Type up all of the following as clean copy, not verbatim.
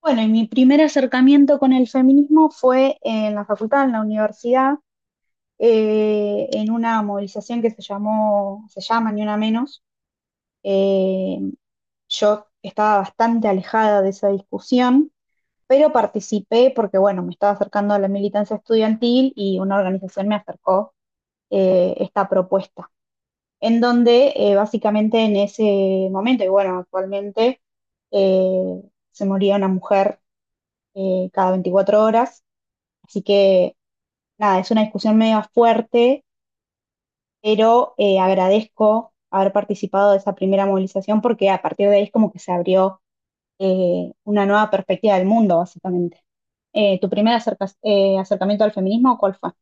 Bueno, y mi primer acercamiento con el feminismo fue en la facultad, en la universidad, en una movilización que se llama Ni Una Menos. Eh, yo estaba bastante alejada de esa discusión, pero participé porque, bueno, me estaba acercando a la militancia estudiantil y una organización me acercó esta propuesta, en donde básicamente en ese momento, y bueno, actualmente eh, se moría una mujer cada 24 horas. Así que nada, es una discusión medio fuerte, pero agradezco haber participado de esa primera movilización porque a partir de ahí es como que se abrió una nueva perspectiva del mundo, básicamente. ¿Tu primer acercamiento al feminismo, cuál fue?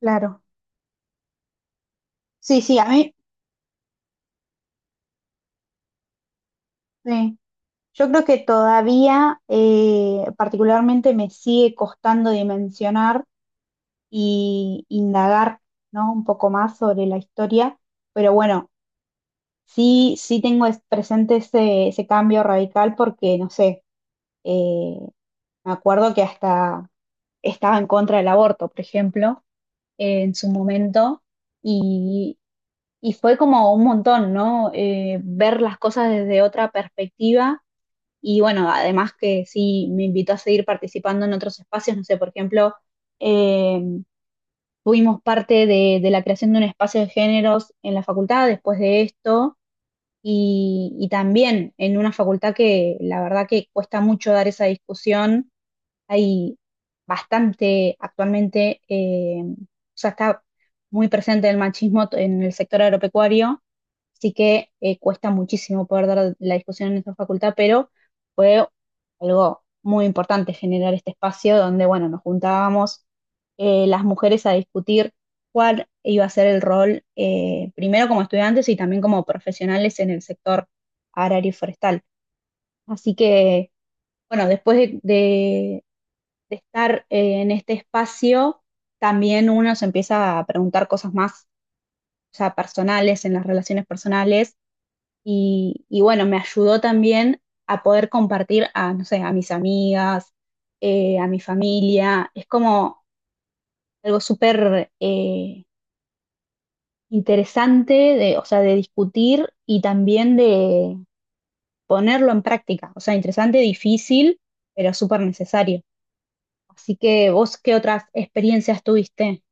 Claro. Sí, sí, a mí, eh, yo creo que todavía particularmente me sigue costando dimensionar y indagar, ¿no? Un poco más sobre la historia, pero bueno, sí, sí tengo presente ese cambio radical porque, no sé, eh, me acuerdo que hasta estaba en contra del aborto, por ejemplo, en su momento, y, y fue como un montón, ¿no? Ver las cosas desde otra perspectiva y bueno, además que sí me invitó a seguir participando en otros espacios, no sé, por ejemplo, eh, fuimos parte de la creación de un espacio de géneros en la facultad después de esto y también en una facultad que la verdad que cuesta mucho dar esa discusión. Hay bastante actualmente, o sea, está muy presente el machismo en el sector agropecuario, así que cuesta muchísimo poder dar la discusión en esta facultad, pero fue algo muy importante generar este espacio donde, bueno, nos juntábamos las mujeres a discutir cuál iba a ser el rol, primero como estudiantes y también como profesionales en el sector agrario y forestal. Así que, bueno, después de estar en este espacio, también uno se empieza a preguntar cosas más, ya personales, en las relaciones personales. Y bueno, me ayudó también a poder compartir a, no sé, a mis amigas, a mi familia. Es como algo súper interesante, de, o sea, de discutir y también de ponerlo en práctica. O sea, interesante, difícil, pero súper necesario. Así que vos, ¿qué otras experiencias tuviste?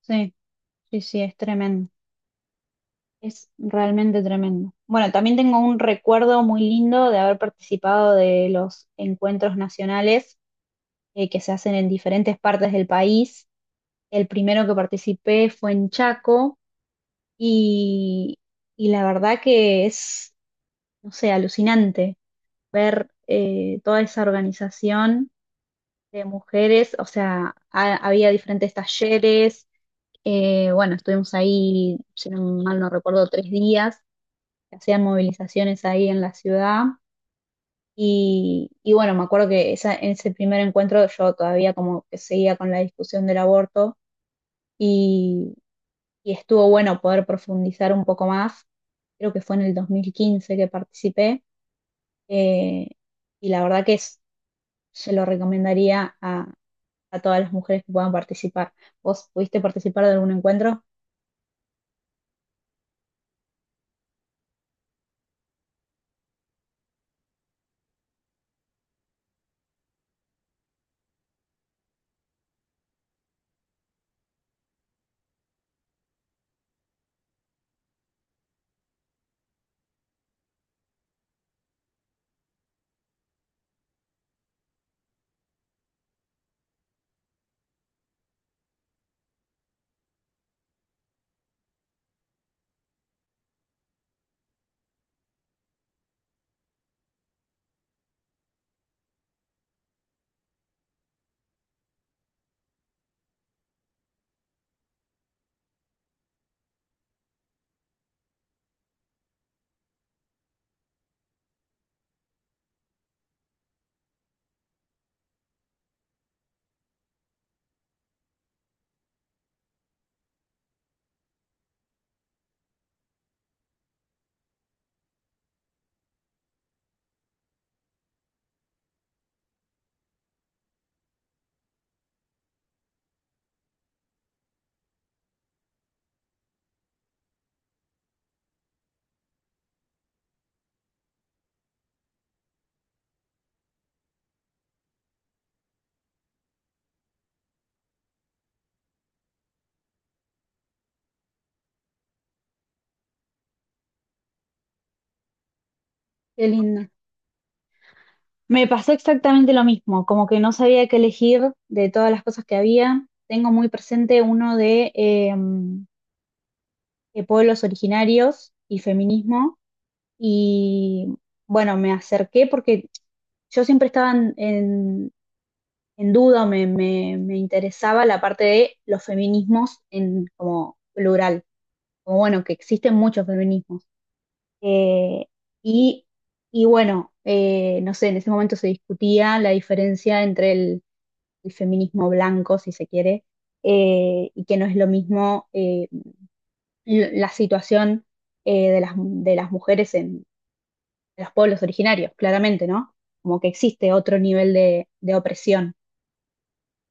Sí. Sí, sí, es tremendo, es realmente tremendo. Bueno, también tengo un recuerdo muy lindo de haber participado de los encuentros nacionales que se hacen en diferentes partes del país. El primero que participé fue en Chaco y, y la verdad que es, no sé, alucinante ver toda esa organización de mujeres, o sea, había diferentes talleres, bueno, estuvimos ahí, si no mal no recuerdo, 3 días que hacían movilizaciones ahí en la ciudad. Y bueno, me acuerdo que esa, en ese primer encuentro yo todavía como que seguía con la discusión del aborto y, y estuvo bueno poder profundizar un poco más. Creo que fue en el 2015 que participé, eh, y la verdad que se lo recomendaría a todas las mujeres que puedan participar. ¿Vos pudiste participar de algún encuentro? Qué lindo. Me pasó exactamente lo mismo, como que no sabía qué elegir de todas las cosas que había. Tengo muy presente uno de pueblos originarios y feminismo. Y bueno, me acerqué porque yo siempre estaba en duda, me interesaba la parte de los feminismos en como plural, como bueno, que existen muchos feminismos. Eh, y, y bueno, no sé, en ese momento se discutía la diferencia entre el feminismo blanco, si se quiere, y que no es lo mismo la situación de las mujeres en los pueblos originarios, claramente, ¿no? Como que existe otro nivel de opresión.